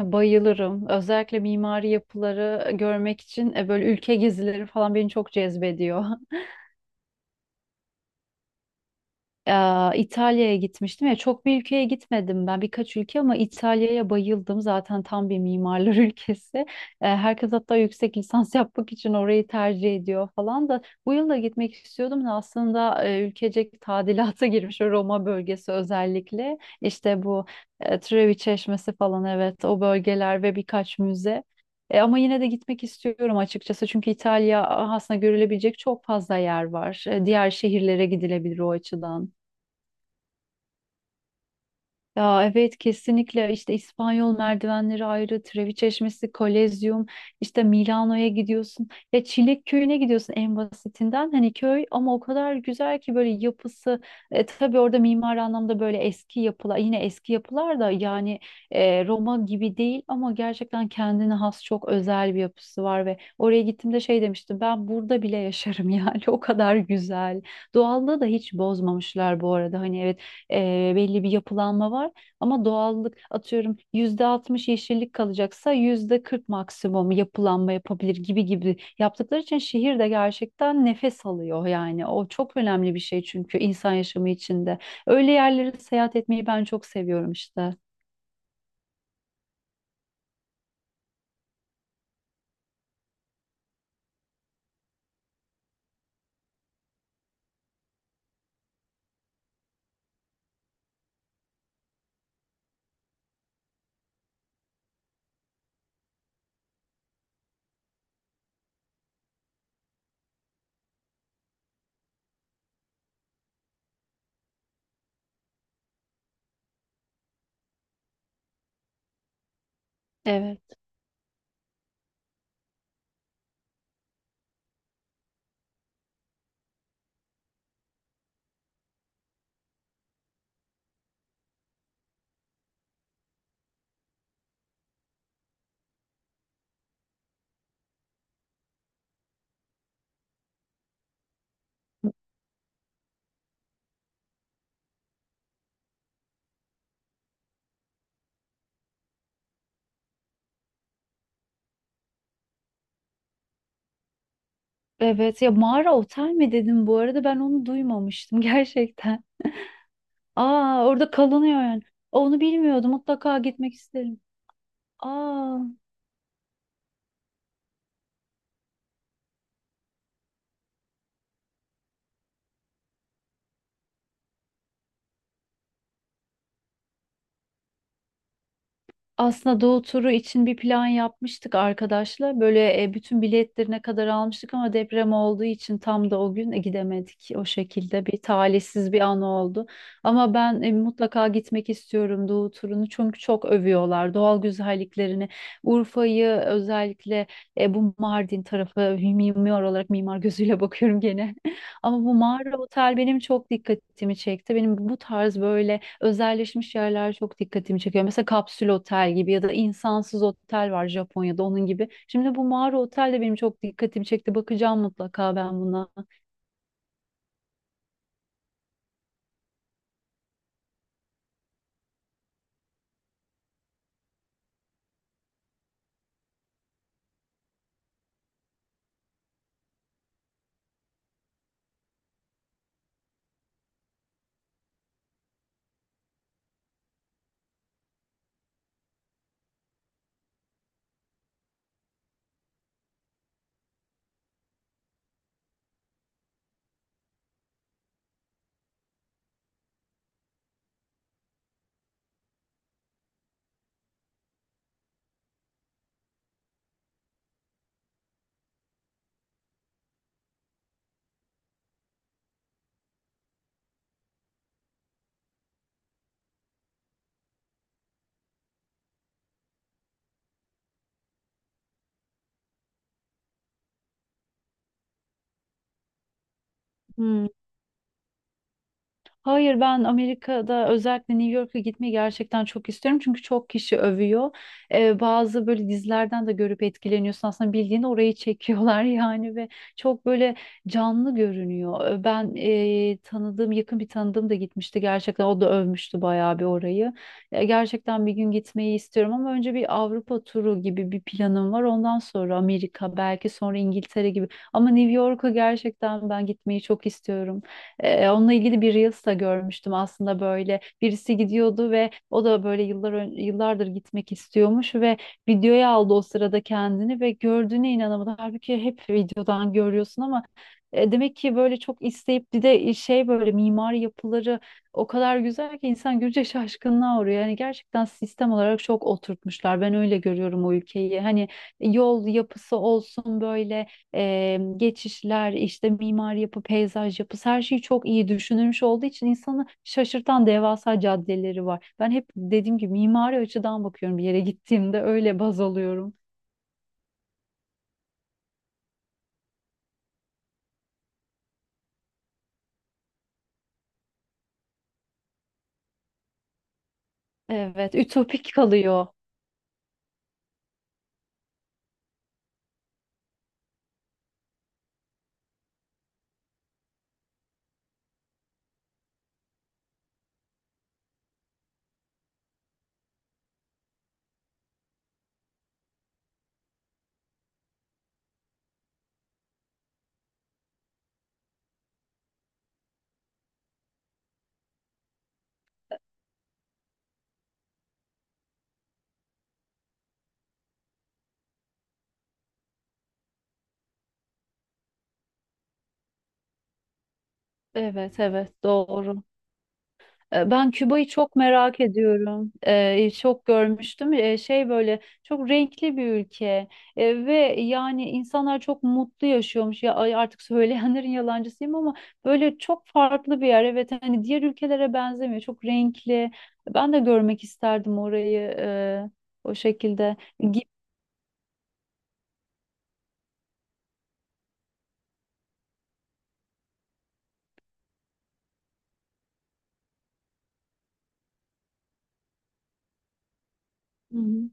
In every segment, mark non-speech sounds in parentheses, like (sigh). Bayılırım. Özellikle mimari yapıları görmek için böyle ülke gezileri falan beni çok cezbediyor. (laughs) İtalya'ya gitmiştim ya çok bir ülkeye gitmedim ben birkaç ülke ama İtalya'ya bayıldım zaten tam bir mimarlar (laughs) ülkesi. Herkes hatta yüksek lisans (laughs) yapmak için orayı tercih ediyor falan da bu yıl da gitmek istiyordum da aslında ülkecek tadilata (laughs) girmiş o Roma bölgesi özellikle işte bu Trevi Çeşmesi falan, evet, o bölgeler ve birkaç müze. Ama yine de gitmek istiyorum açıkçası çünkü İtalya aslında görülebilecek çok fazla yer var. Diğer şehirlere gidilebilir o açıdan. Ya evet kesinlikle, işte İspanyol merdivenleri ayrı, Trevi Çeşmesi, Kolezyum, işte Milano'ya gidiyorsun. Ya Çilek Köyü'ne gidiyorsun en basitinden. Hani köy ama o kadar güzel ki böyle yapısı. Tabii orada mimari anlamda böyle eski yapılar, yine eski yapılar da, yani Roma gibi değil ama gerçekten kendine has çok özel bir yapısı var ve oraya gittiğimde şey demiştim, ben burada bile yaşarım (laughs) yani o kadar güzel. Doğallığı da hiç bozmamışlar bu arada. Hani evet, belli bir yapılanma var. Ama doğallık, atıyorum %60 yeşillik kalacaksa %40 maksimum yapılanma yapabilir gibi gibi yaptıkları için şehir de gerçekten nefes alıyor yani. O çok önemli bir şey çünkü insan yaşamı içinde. Öyle yerlere seyahat etmeyi ben çok seviyorum işte. Evet. Evet ya, mağara otel mi dedim bu arada, ben onu duymamıştım (laughs) gerçekten. Aa, orada kalınıyor yani. Onu bilmiyordum, mutlaka gitmek isterim. Aa. Aslında Doğu turu için bir plan yapmıştık arkadaşla. Böyle bütün biletlerine kadar almıştık ama deprem olduğu için tam da o gün gidemedik. O şekilde bir talihsiz bir an oldu. Ama ben mutlaka gitmek istiyorum Doğu turunu çünkü çok övüyorlar doğal güzelliklerini. Urfa'yı özellikle, bu Mardin tarafı, mimar olarak mimar gözüyle bakıyorum gene. (laughs) Ama bu mağara otel benim çok dikkatimi çekti. Benim bu tarz böyle özelleşmiş yerler çok dikkatimi çekiyor. Mesela kapsül otel gibi ya da insansız otel var Japonya'da, onun gibi. Şimdi bu mağara otel de benim çok dikkatimi çekti. Bakacağım mutlaka ben buna. Hmm. Hayır, ben Amerika'da özellikle New York'a gitmeyi gerçekten çok istiyorum. Çünkü çok kişi övüyor. Bazı böyle dizilerden de görüp etkileniyorsun. Aslında bildiğin orayı çekiyorlar (laughs) yani ve çok böyle canlı görünüyor. Ben tanıdığım, yakın bir tanıdığım da gitmişti gerçekten. O da övmüştü bayağı bir orayı. Ya gerçekten bir gün gitmeyi istiyorum ama önce bir Avrupa turu gibi bir planım var. Ondan sonra Amerika, belki sonra İngiltere gibi. Ama New York'a gerçekten ben gitmeyi çok istiyorum. Onunla ilgili bir Reels da görmüştüm aslında böyle. Birisi gidiyordu ve o da böyle yıllardır gitmek istiyormuş ve videoya aldı o sırada kendini ve gördüğüne inanamadı. Halbuki hep videodan görüyorsun ama demek ki böyle çok isteyip bir de şey, böyle mimari yapıları o kadar güzel ki insan görünce şaşkınlığa uğruyor. Yani gerçekten sistem olarak çok oturtmuşlar. Ben öyle görüyorum o ülkeyi. Hani yol yapısı olsun, böyle geçişler, işte mimari yapı, peyzaj yapısı, her şeyi çok iyi düşünülmüş olduğu için insanı şaşırtan devasa caddeleri var. Ben hep dediğim gibi mimari açıdan bakıyorum bir yere gittiğimde, öyle baz alıyorum. Evet, ütopik kalıyor. Evet, evet, doğru. Ben Küba'yı çok merak ediyorum. E, çok görmüştüm. E, şey, böyle çok renkli bir ülke. Ve yani insanlar çok mutlu yaşıyormuş. Ya ay, artık söyleyenlerin (laughs) yalancısıyım ama böyle çok farklı bir yer. Evet, hani diğer ülkelere benzemiyor. Çok renkli. Ben de görmek isterdim orayı, o şekilde. Gi- Hı hı.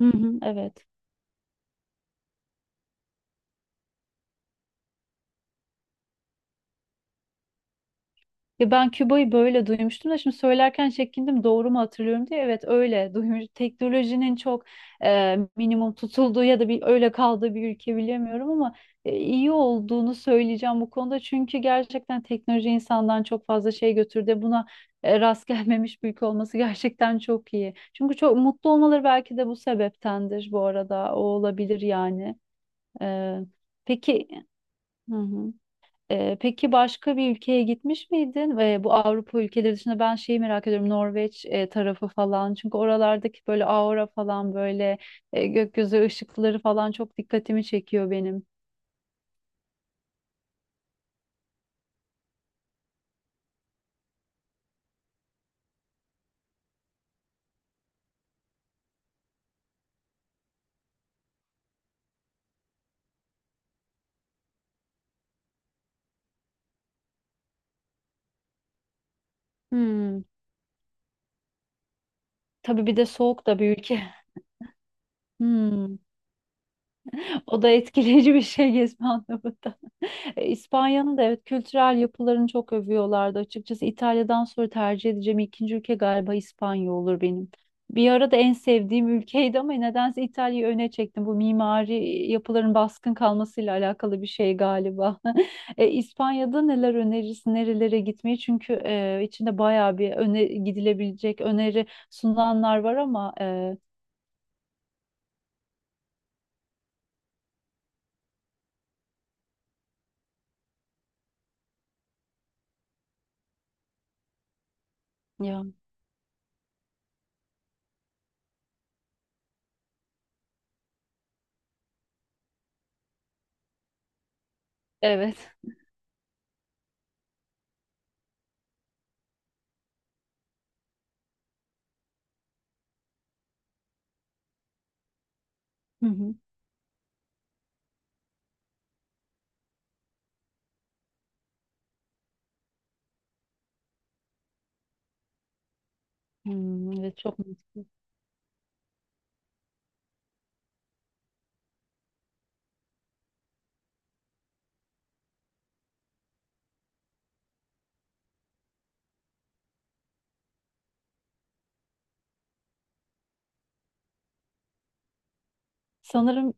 Hı hı, evet. Ya ben Küba'yı böyle duymuştum da şimdi söylerken çekindim doğru mu hatırlıyorum diye. Evet, öyle duymuş. Teknolojinin çok minimum tutulduğu ya da bir öyle kaldığı bir ülke, bilemiyorum, ama iyi olduğunu söyleyeceğim bu konuda. Çünkü gerçekten teknoloji insandan çok fazla şey götürdü. Buna rast (laughs) gelmemiş bir ülke olması gerçekten çok iyi. Çünkü çok mutlu olmaları belki de bu sebeptendir bu arada. O olabilir yani. E, peki. Hı hı. Peki başka bir ülkeye gitmiş miydin? Bu Avrupa ülkeleri dışında ben şeyi merak ediyorum, Norveç tarafı falan. Çünkü oralardaki böyle aura falan, böyle gökyüzü ışıkları falan çok dikkatimi çekiyor benim. Hmm. Tabii bir de soğuk da bir ülke. Hmm. O da etkileyici bir şey gezme anlamında. (laughs) İspanya'nın da evet kültürel yapılarını çok övüyorlardı. Açıkçası İtalya'dan sonra tercih edeceğim ikinci ülke galiba İspanya olur benim. Bir ara da en sevdiğim ülkeydi ama nedense İtalya'yı öne çektim. Bu mimari yapıların baskın kalmasıyla alakalı bir şey galiba. (laughs) İspanya'da neler önerirsin, nerelere gitmeyi? Çünkü içinde bayağı bir öne gidilebilecek öneri sunulanlar var ama ya, evet. Hı hı. Hmm, evet, çok mantıklı. Sanırım,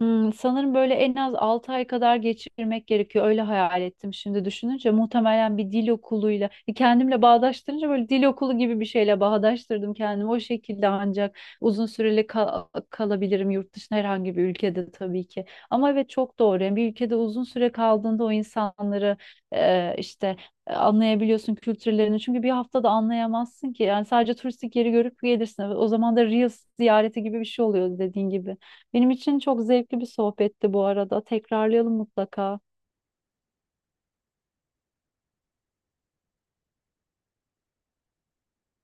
hmm, sanırım böyle en az 6 ay kadar geçirmek gerekiyor. Öyle hayal ettim şimdi düşününce. Muhtemelen bir dil okuluyla kendimle bağdaştırınca, böyle dil okulu gibi bir şeyle bağdaştırdım kendimi. O şekilde ancak uzun süreli kalabilirim yurt dışında herhangi bir ülkede, tabii ki. Ama evet, çok doğru. Yani bir ülkede uzun süre kaldığında o insanları e, işte anlayabiliyorsun, kültürlerini. Çünkü bir haftada anlayamazsın ki. Yani sadece turistik yeri görüp gelirsin. O zaman da Reels ziyareti gibi bir şey oluyor dediğin gibi. Benim için çok zevkli bir sohbetti bu arada. Tekrarlayalım mutlaka.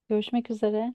Görüşmek üzere.